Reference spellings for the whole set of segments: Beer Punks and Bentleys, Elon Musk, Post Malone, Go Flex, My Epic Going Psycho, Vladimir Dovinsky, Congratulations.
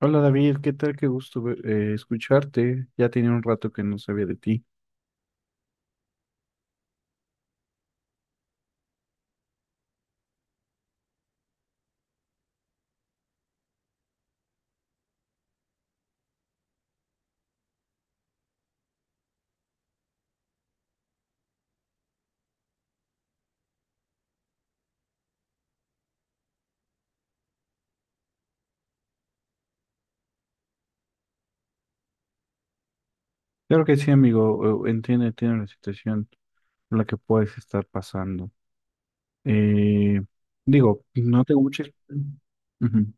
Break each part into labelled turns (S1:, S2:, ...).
S1: Hola, David, ¿qué tal? Qué gusto escucharte. Ya tenía un rato que no sabía de ti. Claro que sí, amigo. Entiendo, entiendo la situación por la que puedes estar pasando. Eh, Digo, no te muchas. Ujú.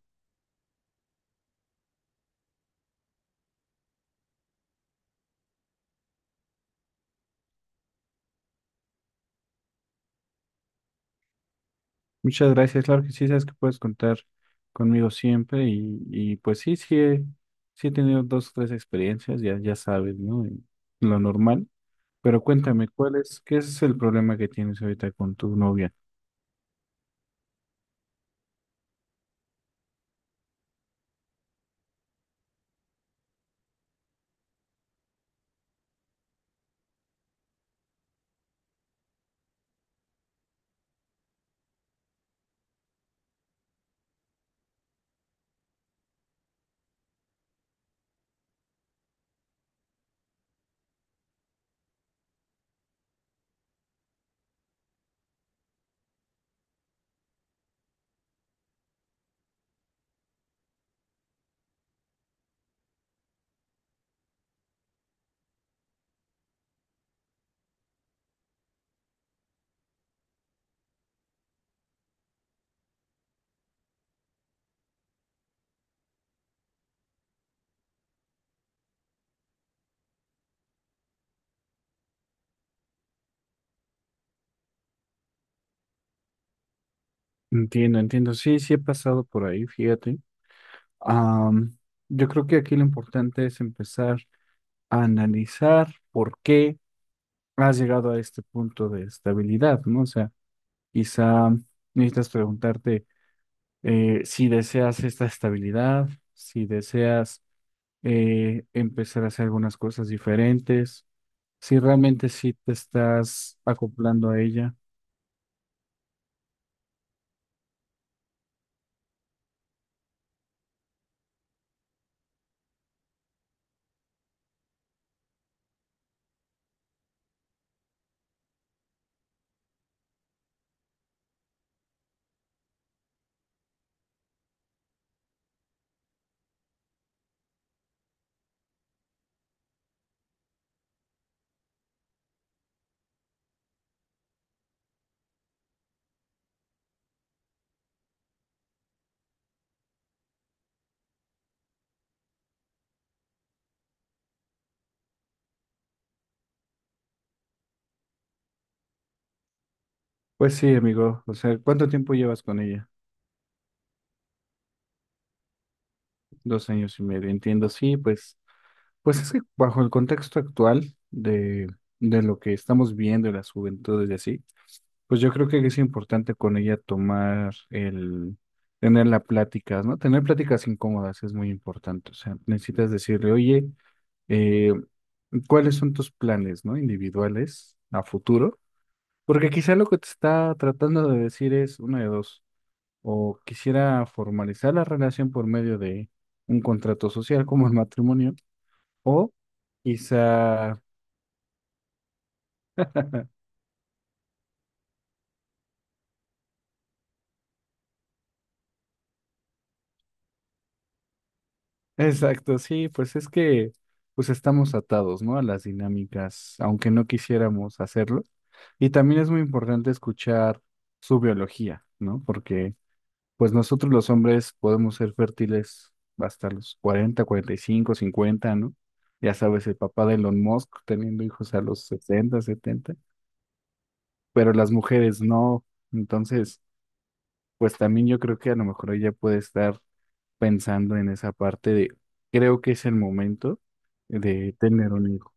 S1: Muchas gracias. Claro que sí, sabes que puedes contar conmigo siempre. Y pues sí, sí he tenido dos o tres experiencias, ya sabes, ¿no? Y lo normal. Pero cuéntame, ¿qué es el problema que tienes ahorita con tu novia? Entiendo, entiendo. Sí, sí he pasado por ahí, fíjate. Am, yo creo que aquí lo importante es empezar a analizar por qué has llegado a este punto de estabilidad, ¿no? O sea, quizá necesitas preguntarte, si deseas esta estabilidad, si deseas empezar a hacer algunas cosas diferentes, si realmente sí te estás acoplando a ella. Pues sí, amigo. O sea, ¿cuánto tiempo llevas con ella? 2 años y medio. Entiendo, sí, pues. Pues es que bajo el contexto actual de, de lo que estamos viendo en las juventudes y así, pues yo creo que es importante con ella tener la plática, ¿no? Tener pláticas incómodas es muy importante. O sea, necesitas decirle, oye, eh, ¿cuáles son tus planes? ¿No? Individuales a futuro. Porque quizá lo que te está tratando de decir es una de dos. O quisiera formalizar la relación por medio de un contrato social como el matrimonio. O quizá. Exacto, sí, pues es que pues estamos atados, ¿no? A las dinámicas, aunque no quisiéramos hacerlo. Y también es muy importante escuchar su biología, ¿no? Porque pues nosotros los hombres podemos ser fértiles hasta los 40, 45, 50 ¿no? Ya sabes, el papá de Elon Musk teniendo hijos a los 60, 70 pero las mujeres no. Entonces, pues también yo creo que a lo mejor ella puede estar pensando en esa parte de, creo que es el momento de tener un hijo.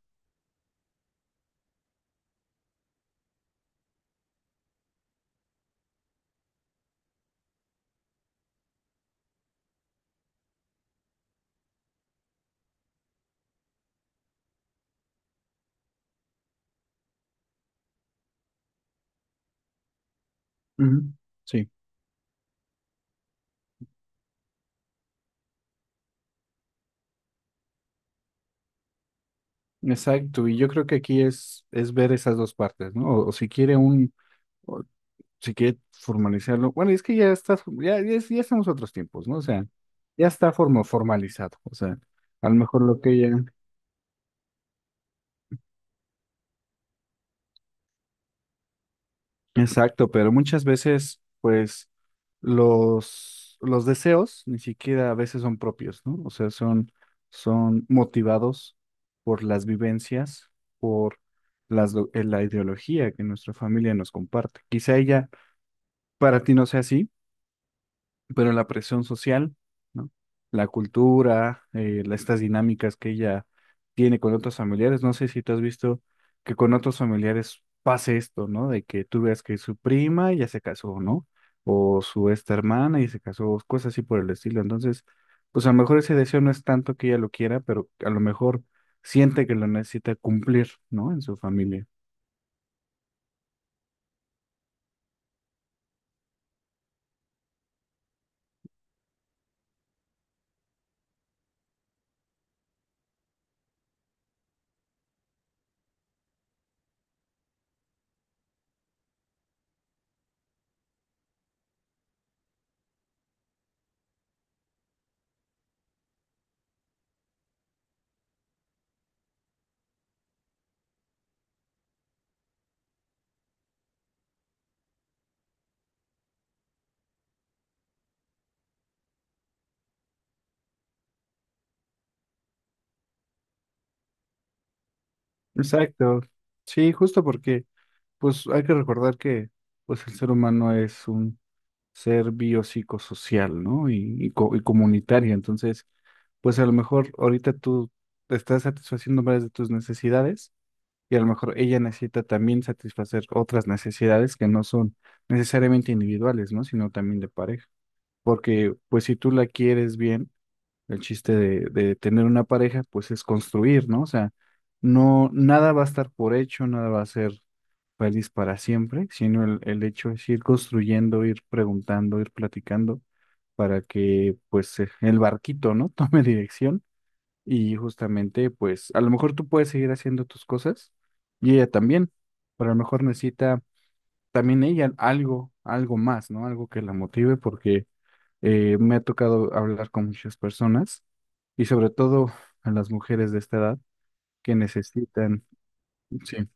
S1: Ujú. Sí, exacto. Y yo creo que aquí es ver esas dos partes, ¿no? O si quiere formalizarlo. Bueno, es que ya está, ya, ya, es- ya estamos a otros tiempos, ¿no? O sea, ya está formalizado. O sea, a lo mejor lo que ella. Exacto, pero muchas veces, pues, los deseos ni siquiera a veces son propios, ¿no? O sea, son motivados por las vivencias, por la ideología que nuestra familia nos comparte. Quizá ella para ti no sea así, pero la presión social, ¿no? La cultura, estas dinámicas que ella tiene con otros familiares, no sé si tú has visto que con otros familiares pase esto, ¿no? De que tú veas que su prima ya se casó, ¿no? O su esta hermana y se casó, cosas así por el estilo. Entonces, pues a lo mejor ese deseo no es tanto que ella lo quiera, pero a lo mejor siente que lo necesita cumplir, ¿no? En su familia. Exacto. Sí, justo porque, pues hay que recordar que, pues el ser humano es un ser biopsicosocial, ¿no? Y comunitaria. Entonces, pues a lo mejor ahorita tú estás satisfaciendo varias de tus necesidades y a lo mejor ella necesita también satisfacer otras necesidades que no son necesariamente individuales, ¿no? Sino también de pareja. Porque, pues si tú la quieres bien, el chiste de tener una pareja, pues es construir, ¿no? O sea, no, nada va a estar por hecho, nada va a ser feliz para siempre, sino el hecho es ir construyendo, ir preguntando, ir platicando para que pues el barquito, ¿no? Tome dirección y justamente pues a lo mejor tú puedes seguir haciendo tus cosas y ella también, pero a lo mejor necesita también ella algo, algo más, ¿no? Algo que la motive porque me ha tocado hablar con muchas personas y sobre todo a las mujeres de esta edad que necesitan, sí.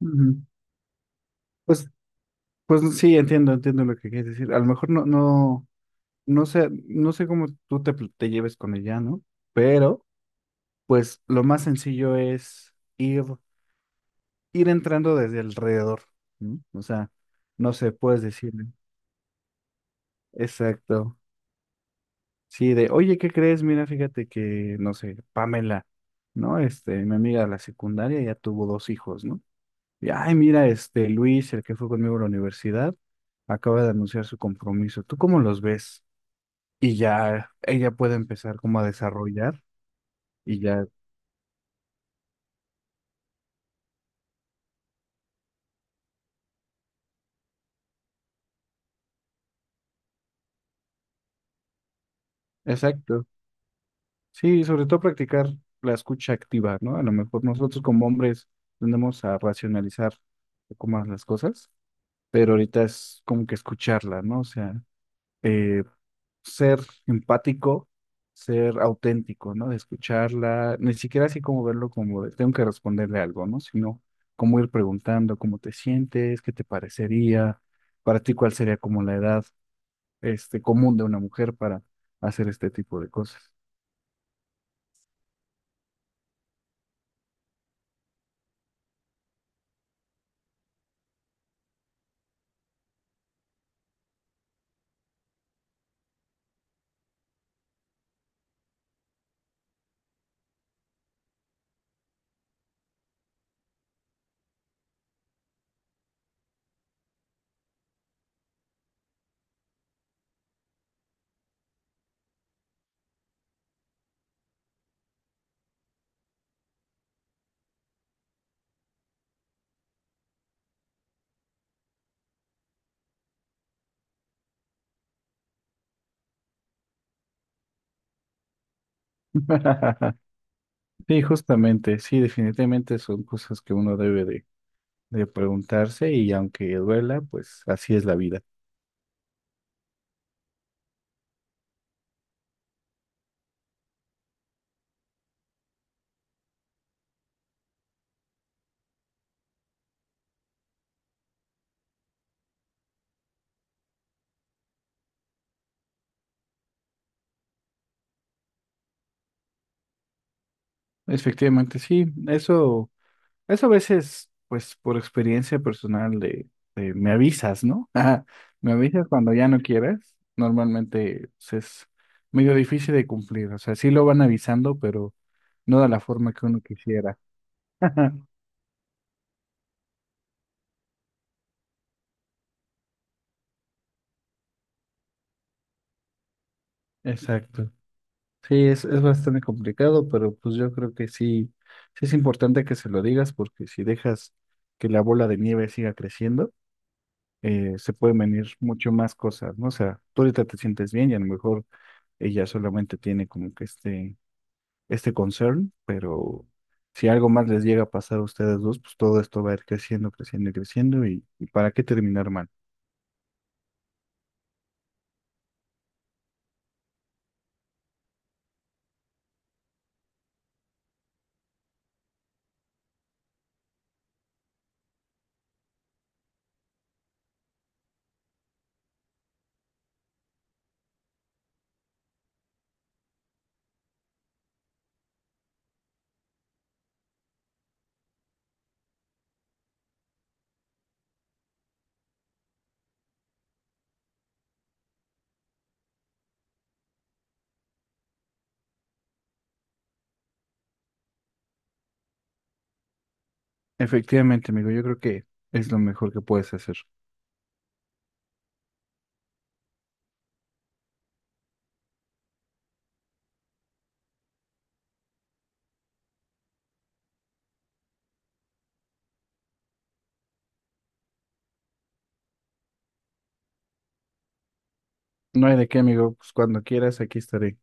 S1: Ujú. Pues, pues sí, entiendo, entiendo lo que quieres decir. A lo mejor no, no, no sé cómo tú te lleves con ella, ¿no? Pero, pues lo más sencillo es ir entrando desde alrededor, ¿no? O sea, no sé, puedes decirle. Exacto. Sí, oye, ¿qué crees? Mira, fíjate que, no sé, Pamela, ¿no? Este, mi amiga de la secundaria ya tuvo dos hijos, ¿no? Y, ay, mira, este, Luis, el que fue conmigo a la universidad, acaba de anunciar su compromiso. ¿Tú cómo los ves? Y ya ella puede empezar como a desarrollar y ya. Exacto. Sí, sobre todo practicar la escucha activa, ¿no? A lo mejor nosotros como hombres tendemos a racionalizar un poco más las cosas, pero ahorita es como que escucharla, ¿no? O sea, eh, ser empático, ser auténtico, ¿no? De escucharla, ni siquiera así como verlo como de, tengo que responderle algo, ¿no? Sino como ir preguntando cómo te sientes, qué te parecería, para ti cuál sería como la edad este, común de una mujer para hacer este tipo de cosas. Sí, justamente, sí, definitivamente son cosas que uno debe de preguntarse y aunque duela, pues así es la vida. Efectivamente, sí, eso a veces, pues por experiencia personal de me avisas, ¿no? Me avisas cuando ya no quieres. Normalmente pues, es medio difícil de cumplir. O sea, sí lo van avisando, pero no de la forma que uno quisiera. Exacto. Sí, es bastante complicado, pero pues yo creo que sí, sí es importante que se lo digas porque si dejas que la bola de nieve siga creciendo, se pueden venir mucho más cosas, ¿no? O sea, tú ahorita te sientes bien y a lo mejor ella solamente tiene como que este concern, pero si algo más les llega a pasar a ustedes dos, pues todo esto va a ir creciendo, creciendo y creciendo y ¿para qué terminar mal? Efectivamente, amigo, yo creo que es lo mejor que puedes hacer. No hay de qué, amigo, pues cuando quieras, aquí estaré.